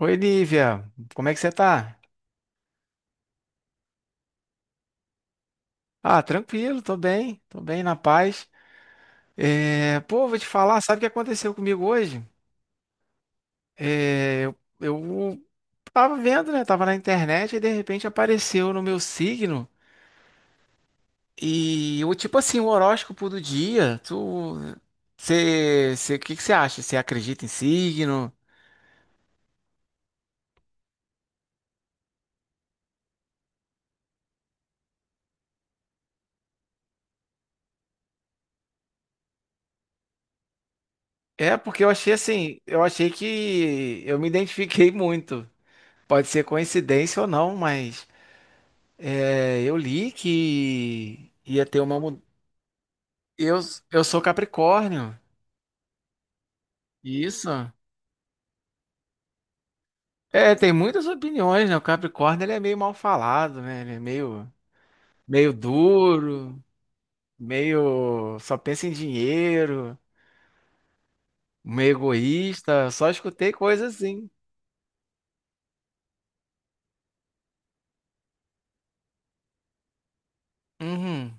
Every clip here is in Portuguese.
Oi, Lívia, como é que você tá? Ah, tranquilo, tô bem na paz. É, pô, vou te falar, sabe o que aconteceu comigo hoje? É, eu, eu tava vendo, né? Tava na internet e de repente apareceu no meu signo e o tipo assim, o horóscopo do dia. Você, o que que você acha? Você acredita em signo? É, porque eu achei assim, eu achei que eu me identifiquei muito. Pode ser coincidência ou não, mas. É, eu li que ia ter uma mudança. Eu, eu sou Capricórnio. Isso. É, tem muitas opiniões, né? O Capricórnio ele é meio mal falado, né? Ele é meio duro, meio só pensa em dinheiro, meio egoísta. Só escutei coisas assim. Uhum.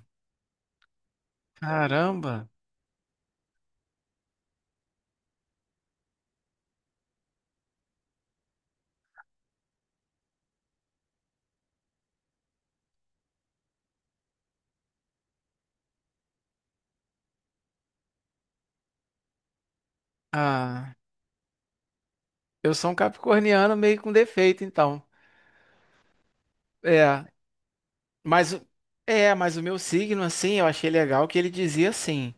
Caramba. Ah, eu sou um capricorniano meio com defeito, então. É, mas o- mas o meu signo assim, eu achei legal que ele dizia assim.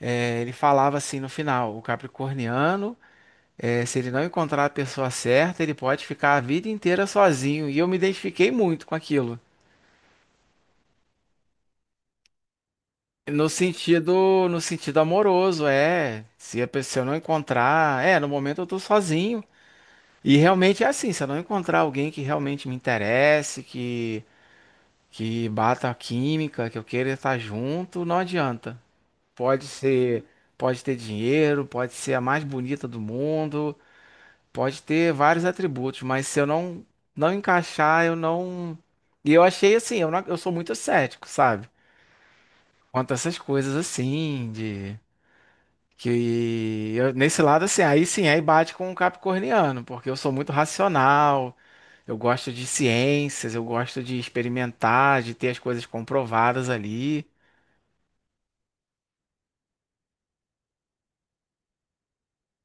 É, ele falava assim no final: o capricorniano, se ele não encontrar a pessoa certa, ele pode ficar a vida inteira sozinho. E eu me identifiquei muito com aquilo. No sentido amoroso, é. Se a pessoa não encontrar, no momento eu tô sozinho. E realmente é assim, se eu não encontrar alguém que realmente me interesse, que bata a química, que eu queira estar junto, não adianta. Pode ser, pode ter dinheiro, pode ser a mais bonita do mundo, pode ter vários atributos, mas se eu não encaixar, eu não. E eu achei assim, eu não- eu sou muito cético, sabe? Quanto a essas coisas assim, que nesse lado assim, aí sim, aí bate com o capricorniano, porque eu sou muito racional, eu gosto de ciências, eu gosto de experimentar, de ter as coisas comprovadas ali.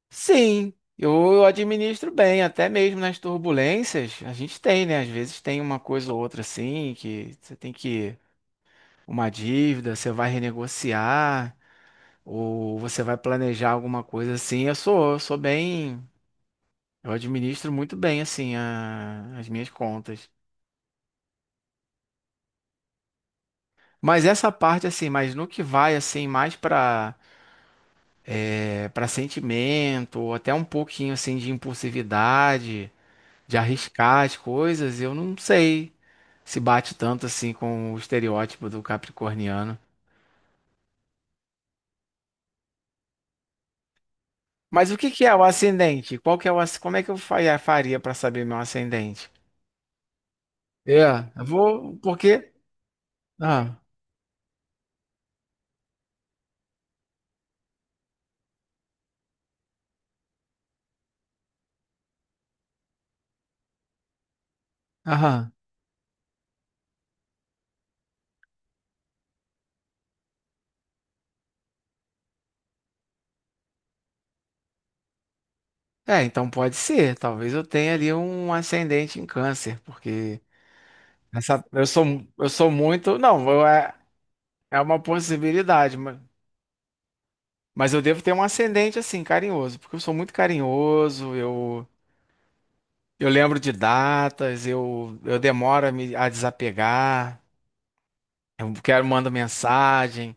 Sim, eu administro bem, até mesmo nas turbulências, a gente tem, né? Às vezes tem uma coisa ou outra assim que você tem que uma dívida, você vai renegociar, ou você vai planejar alguma coisa assim. Eu sou bem, eu administro muito bem assim as minhas contas. Mas essa parte assim, mas no que vai assim mais para sentimento, ou até um pouquinho assim de impulsividade, de arriscar as coisas, eu não sei se bate tanto assim com o estereótipo do capricorniano. Mas o que que é o ascendente? Qual que é o, asc- como é que eu fa- é, faria para saber meu ascendente? É, eu vou, porque, ah, aham. É, então pode ser, talvez eu tenha ali um ascendente em câncer, porque essa, eu sou muito, não, é uma possibilidade, mas eu devo ter um ascendente assim, carinhoso, porque eu sou muito carinhoso, eu lembro de datas, eu demoro a desapegar, eu quero, mando mensagem,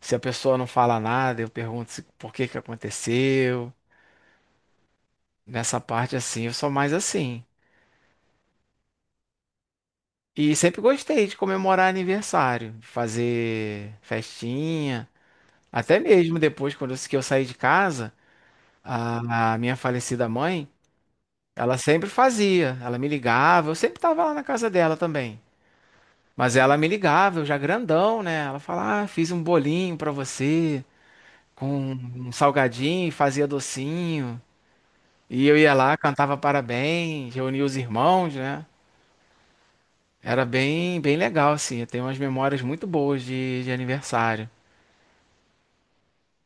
se a pessoa não fala nada, eu pergunto se, por que que aconteceu, nessa parte assim, eu sou mais assim. E sempre gostei de comemorar aniversário, de fazer festinha. Até mesmo depois, quando eu que eu saí de casa, a minha falecida mãe, ela sempre fazia. Ela me ligava, eu sempre estava lá na casa dela também. Mas ela me ligava, eu já grandão, né? Ela falava, ah, fiz um bolinho pra você, com um salgadinho, fazia docinho. E eu ia lá, cantava parabéns, reunia os irmãos, né? Era bem, bem legal, assim. Eu tenho umas memórias muito boas de aniversário.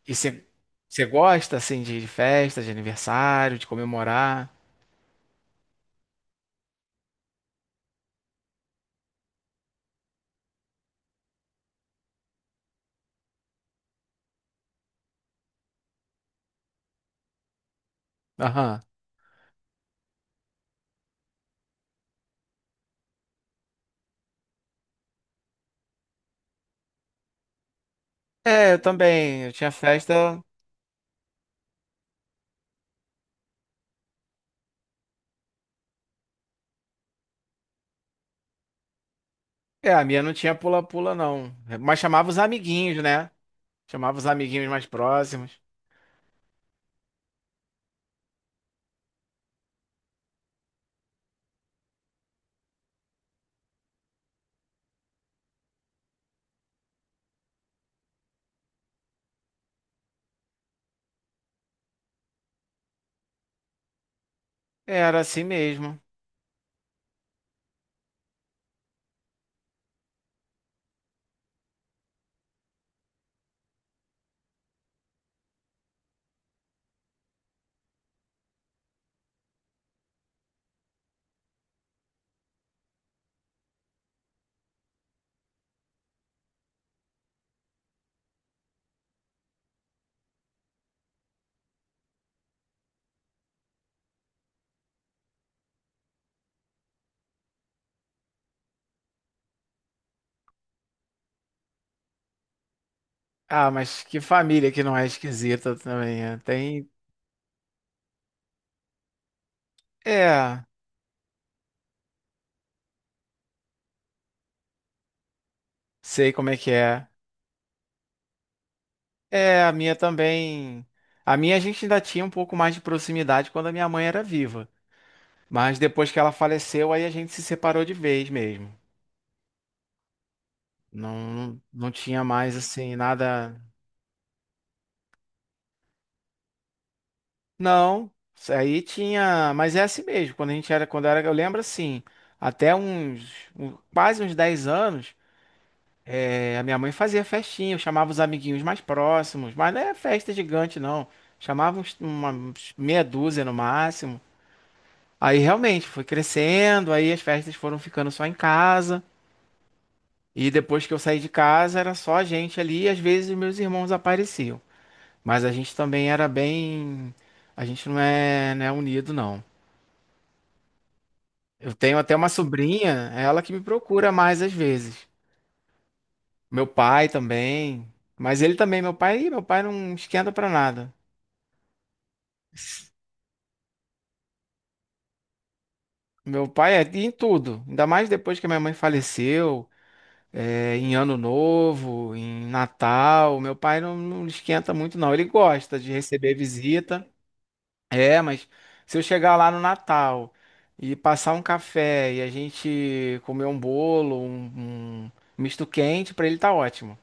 E você gosta, assim, de festa, de aniversário, de comemorar? Aham. É, eu também. Eu tinha festa. É, a minha não tinha pula-pula, não. Mas chamava os amiguinhos, né? Chamava os amiguinhos mais próximos. É, era assim mesmo. Ah, mas que família que não é esquisita também. É. Tem. É, sei como é que é. É, a minha também. A gente ainda tinha um pouco mais de proximidade quando a minha mãe era viva. Mas depois que ela faleceu, aí a gente se separou de vez mesmo. Não, não tinha mais assim nada. Não, isso aí tinha, mas é assim mesmo. Quando eu era, eu lembro assim, até quase uns 10 anos, a minha mãe fazia festinha, eu chamava os amiguinhos mais próximos, mas não é festa gigante não. Chamava uns meia dúzia no máximo. Aí realmente foi crescendo, aí as festas foram ficando só em casa, e depois que eu saí de casa era só a gente ali, e às vezes os meus irmãos apareciam. Mas a gente também era bem. A gente não é unido, não. Eu tenho até uma sobrinha, ela que me procura mais às vezes. Meu pai também. Mas ele também, meu pai, ih, meu pai não esquenta pra nada. Meu pai é em tudo. Ainda mais depois que a minha mãe faleceu, em Ano Novo, em Natal. Meu pai não esquenta muito, não. Ele gosta de receber visita. É, mas se eu chegar lá no Natal e passar um café e a gente comer um bolo, um misto quente, pra ele tá ótimo.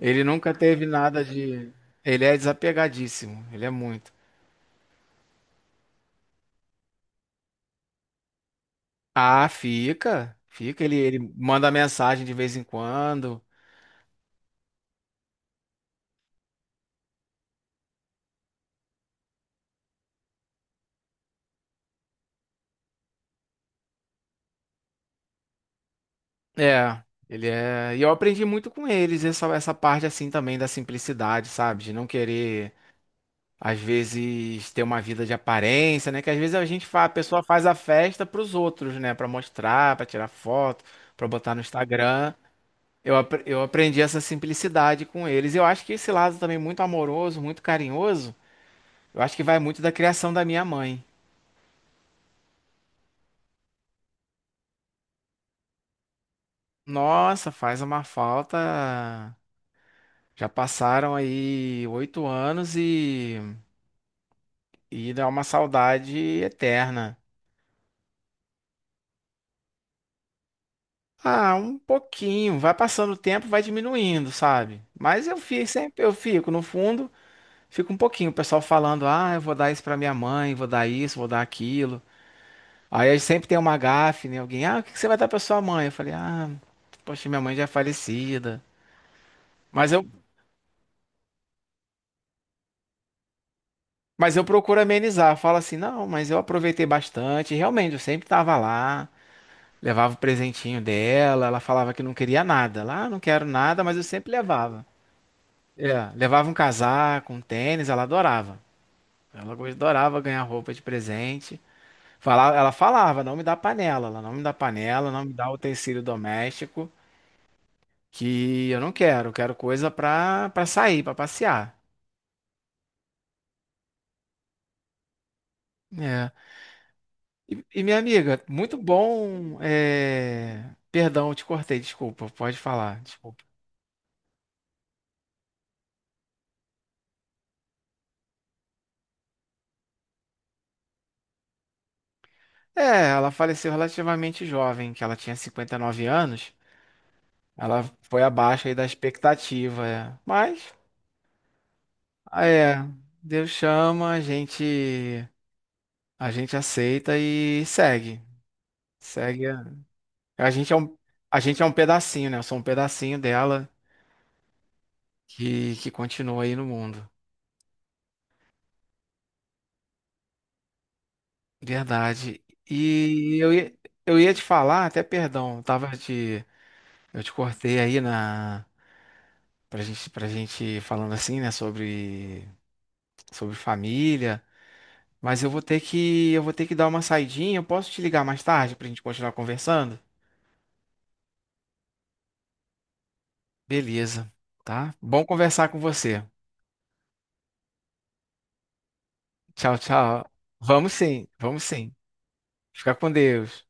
Ele nunca teve nada de. Ele é desapegadíssimo, ele é muito. Ah, fica, fica. Ele manda mensagem de vez em quando. É, ele é. E eu aprendi muito com eles, essa parte assim também da simplicidade, sabe? De não querer. Às vezes ter uma vida de aparência, né? Que às vezes a pessoa faz a festa para os outros, né? Para mostrar, para tirar foto, para botar no Instagram. Eu aprendi essa simplicidade com eles. Eu acho que esse lado também muito amoroso, muito carinhoso, eu acho que vai muito da criação da minha mãe. Nossa, faz uma falta. Já passaram aí 8 anos e dá uma saudade eterna. Ah, um pouquinho. Vai passando o tempo, vai diminuindo, sabe? Mas eu fico sempre, eu fico no fundo, fico um pouquinho. O pessoal falando, ah, eu vou dar isso pra minha mãe, vou dar isso, vou dar aquilo. Aí sempre tem uma gafe, né? Alguém, ah, o que que você vai dar pra sua mãe? Eu falei, ah, poxa, minha mãe já é falecida. Mas eu, mas eu procuro amenizar. Eu falo assim, não, mas eu aproveitei bastante. Realmente, eu sempre tava lá, levava o presentinho dela. Ela falava que não queria nada. Lá, não quero nada, mas eu sempre levava. É, levava um casaco, um tênis, ela adorava. Adorava ganhar roupa de presente. Ela falava, não me dá panela, ela não me dá panela, não me dá utensílio doméstico, que eu não quero, eu quero coisa pra sair, pra passear. É. Minha amiga, muito bom. Perdão, eu te cortei, desculpa, pode falar, desculpa. É, ela faleceu relativamente jovem, que ela tinha 59 anos. Ela foi abaixo aí da expectativa, é. Mas. Ah, é, Deus chama, a gente aceita e segue. Segue. A gente é um, a gente é um pedacinho, né? Eu sou um pedacinho dela que continua aí no mundo. Verdade. E eu ia te falar, até perdão, eu te cortei aí na pra gente falando assim, né, sobre família, mas eu vou ter que dar uma saidinha. Eu posso te ligar mais tarde pra gente continuar conversando? Beleza, tá? Bom conversar com você. Tchau, tchau. Vamos sim, vamos sim. Fica com Deus.